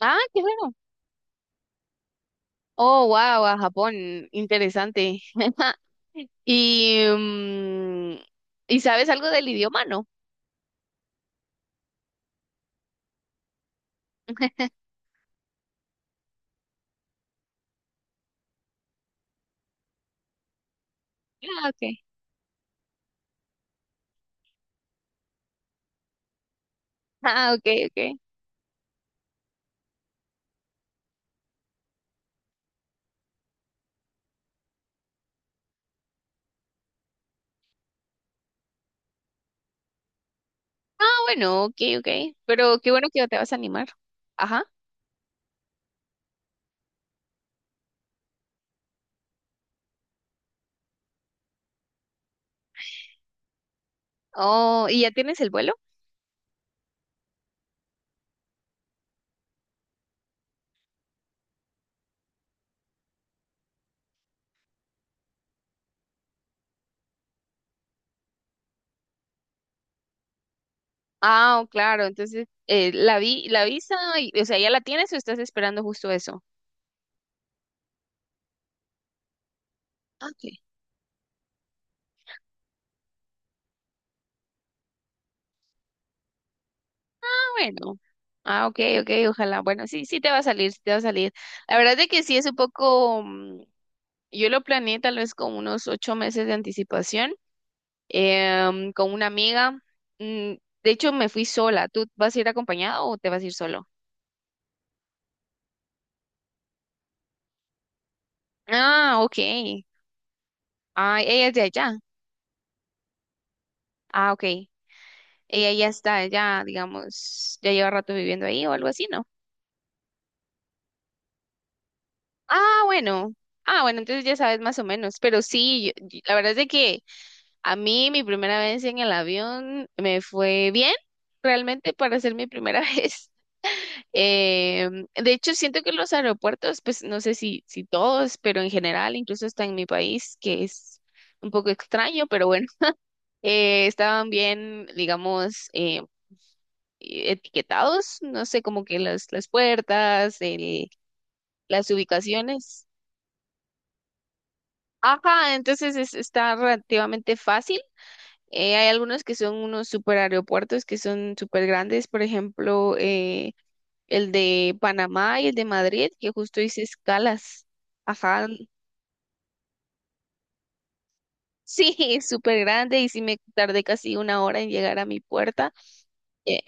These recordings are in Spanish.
Ah, qué bueno. Oh, wow, a Japón, interesante. Y, ¿y sabes algo del idioma, no? Ah, okay. Ah, okay, okay. Ah, bueno, okay, okay. Pero qué bueno que te vas a animar. Ajá. Oh, ¿y ya tienes el vuelo? Ah, oh, claro. Entonces, la visa, o sea, ¿ya la tienes o estás esperando justo eso? Ah, ok. Ah, bueno. Ah, okay, okay. Ojalá. Bueno, sí, sí te va a salir, sí te va a salir. La verdad es de que sí es un poco. Yo lo planeé tal vez con unos 8 meses de anticipación, con una amiga. Mm, De hecho, me fui sola. ¿Tú vas a ir acompañado o te vas a ir solo? Ah, ok. Ah, ella es de allá. Ah, ok. Ella ya está allá, digamos, ya lleva rato viviendo ahí o algo así, ¿no? Ah, bueno. Ah, bueno, entonces ya sabes más o menos. Pero sí, la verdad es de que a mí mi primera vez en el avión me fue bien, realmente para ser mi primera vez. Eh, de hecho, siento que los aeropuertos, pues no sé si todos, pero en general, incluso hasta en mi país, que es un poco extraño, pero bueno, estaban bien, digamos, etiquetados, no sé, como que las puertas, las ubicaciones. Ajá, entonces está relativamente fácil. Hay algunos que son unos super aeropuertos que son super grandes, por ejemplo, el de Panamá y el de Madrid, que justo hice escalas. Ajá, sí, es súper grande y sí me tardé casi una hora en llegar a mi puerta. Eh,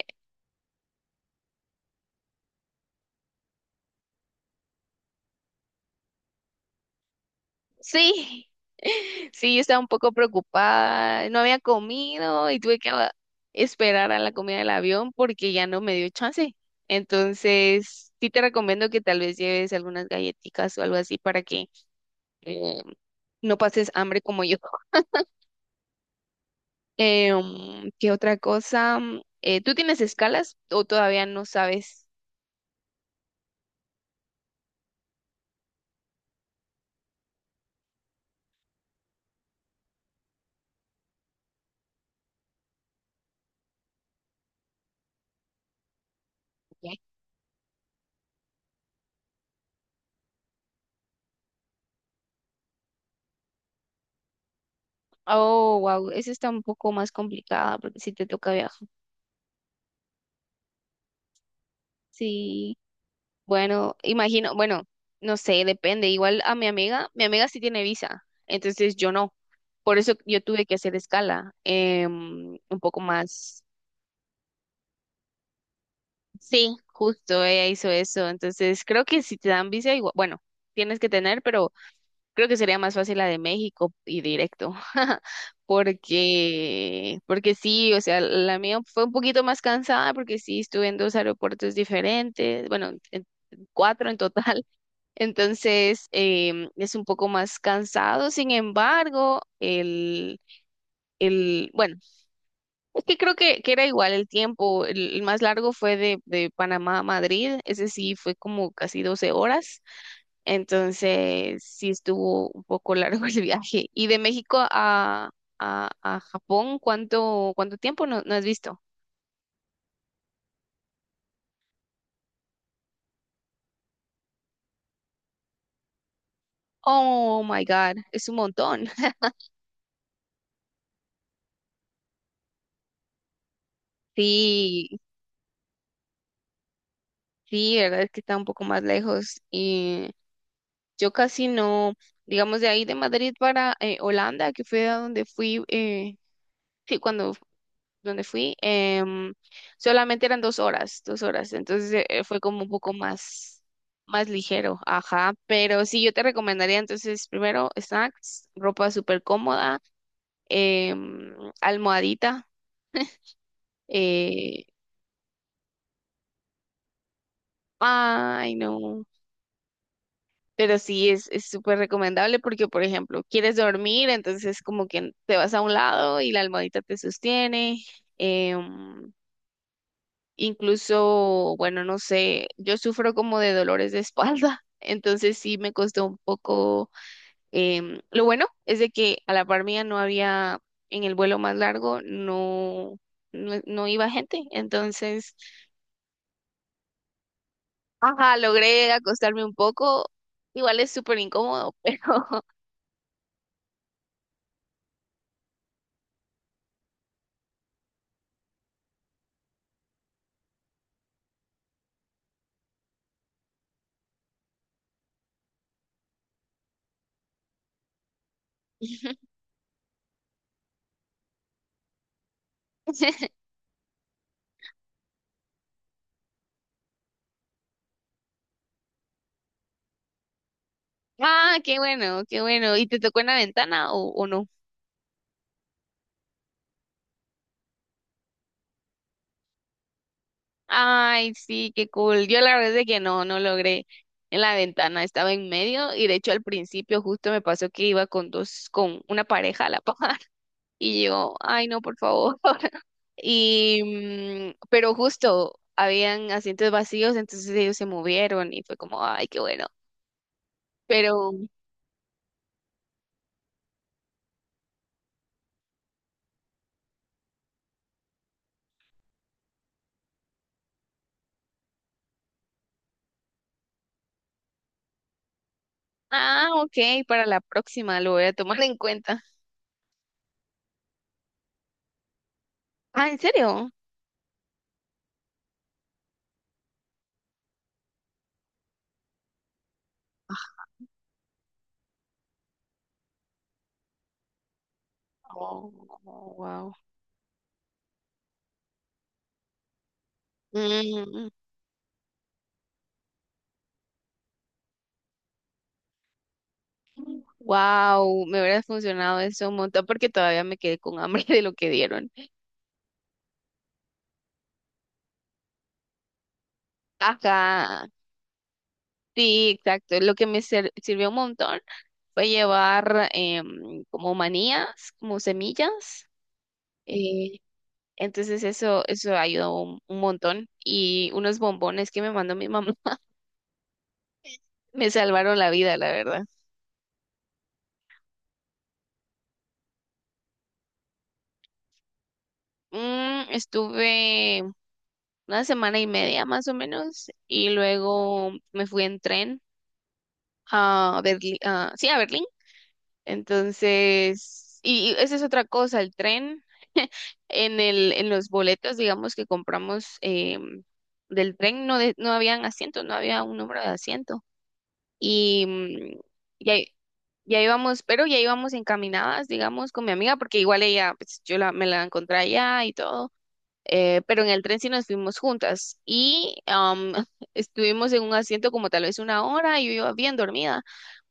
sí, sí, yo estaba un poco preocupada, no había comido y tuve que esperar a la comida del avión porque ya no me dio chance. Entonces, sí te recomiendo que tal vez lleves algunas galletitas o algo así para que eh, no pases hambre como yo. ¿Qué otra cosa? ¿Tú tienes escalas o todavía no sabes? Ya. Oh, wow, esa está un poco más complicada porque si te toca viajar. Sí, bueno, imagino, bueno, no sé, depende. Igual a mi amiga sí tiene visa, entonces yo no. Por eso yo tuve que hacer escala, un poco más. Sí, justo, ella hizo eso. Entonces creo que si te dan visa, igual, bueno, tienes que tener, pero creo que sería más fácil la de México y directo, porque, sí, o sea, la mía fue un poquito más cansada porque sí estuve en dos aeropuertos diferentes, bueno, en cuatro en total, entonces es un poco más cansado, sin embargo, bueno, es que creo que era igual el tiempo. El más largo fue de Panamá a Madrid. Ese sí fue como casi 12 horas. Entonces sí estuvo un poco largo el viaje. Y de México a Japón, ¿cuánto tiempo no has visto? Oh my God, es un montón. Sí, sí, verdad es que está un poco más lejos. Y yo casi no, digamos, de ahí de Madrid para Holanda, que fue a donde fui, sí, cuando donde fui, solamente eran 2 horas, 2 horas, entonces fue como un poco más, más ligero, ajá, pero sí, yo te recomendaría entonces primero snacks, ropa súper cómoda, em, almohadita, eh, ay no, pero sí es súper recomendable porque, por ejemplo, quieres dormir, entonces como que te vas a un lado y la almohadita te sostiene. em, Incluso, bueno, no sé, yo sufro como de dolores de espalda, entonces sí me costó un poco. Lo bueno es de que a la par mía no había, en el vuelo más largo, no iba gente, entonces, ajá, logré acostarme un poco. Igual es súper incómodo, pero. Ah, qué bueno, qué bueno. ¿Y te tocó en la ventana o no? Ay, sí, qué cool. Yo la verdad es que no logré en la ventana, estaba en medio y de hecho al principio justo me pasó que iba con dos, con una pareja a la par y yo, ay, no, por favor. Y, pero justo habían asientos vacíos, entonces ellos se movieron y fue como, ay, qué bueno. Pero, ah, ok, para la próxima lo voy a tomar en cuenta. Ah, ¿en serio? Oh, wow. Wow, me hubiera funcionado eso un montón porque todavía me quedé con hambre de lo que dieron. Ajá, sí, exacto. Lo que me sirvió un montón fue llevar como manías, como semillas. eh, entonces eso ayudó un montón. Y unos bombones que me mandó mi mamá me salvaron la vida, la verdad. Estuve una semana y media más o menos y luego me fui en tren a Berlín, sí, a Berlín. Entonces, y esa es otra cosa, el tren, en los boletos, digamos, que compramos del tren, no, no habían asientos, no había un número de asiento. Y ya, ya íbamos, pero ya íbamos encaminadas, digamos, con mi amiga, porque igual ella, pues yo la, me la encontré allá y todo. Pero en el tren sí nos fuimos juntas y estuvimos en un asiento como tal vez una hora y yo iba bien dormida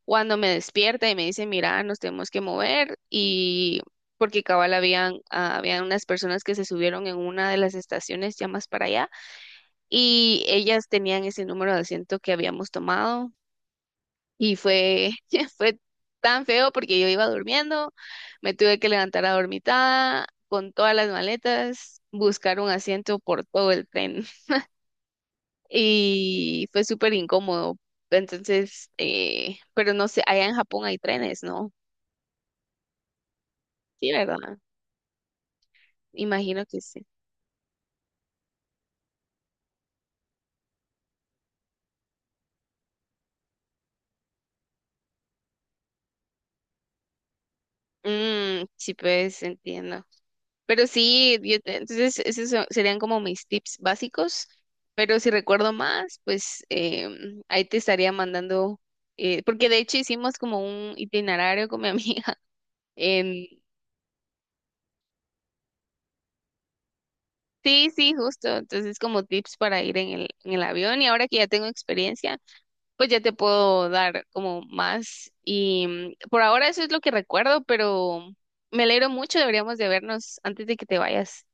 cuando me despierta y me dice, mira, nos tenemos que mover y porque cabal habían unas personas que se subieron en una de las estaciones ya más para allá y ellas tenían ese número de asiento que habíamos tomado y fue, fue tan feo porque yo iba durmiendo, me tuve que levantar a dormitada con todas las maletas, buscar un asiento por todo el tren y fue súper incómodo. Entonces, pero no sé, allá en Japón hay trenes, ¿no? Sí, ¿verdad? Imagino que sí. Mm, sí, pues entiendo. Pero sí, entonces serían como mis tips básicos, pero si recuerdo más, pues ahí te estaría mandando, porque de hecho hicimos como un itinerario con mi amiga. em, sí, sí, justo. Entonces como tips para ir en el avión y ahora que ya tengo experiencia, pues ya te puedo dar como más. Y por ahora eso es lo que recuerdo, pero me alegro mucho, deberíamos de vernos antes de que te vayas.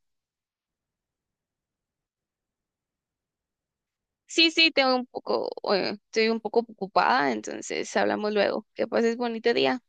Sí, sí, tengo un poco, estoy un poco ocupada, entonces hablamos luego. Que pases bonito día.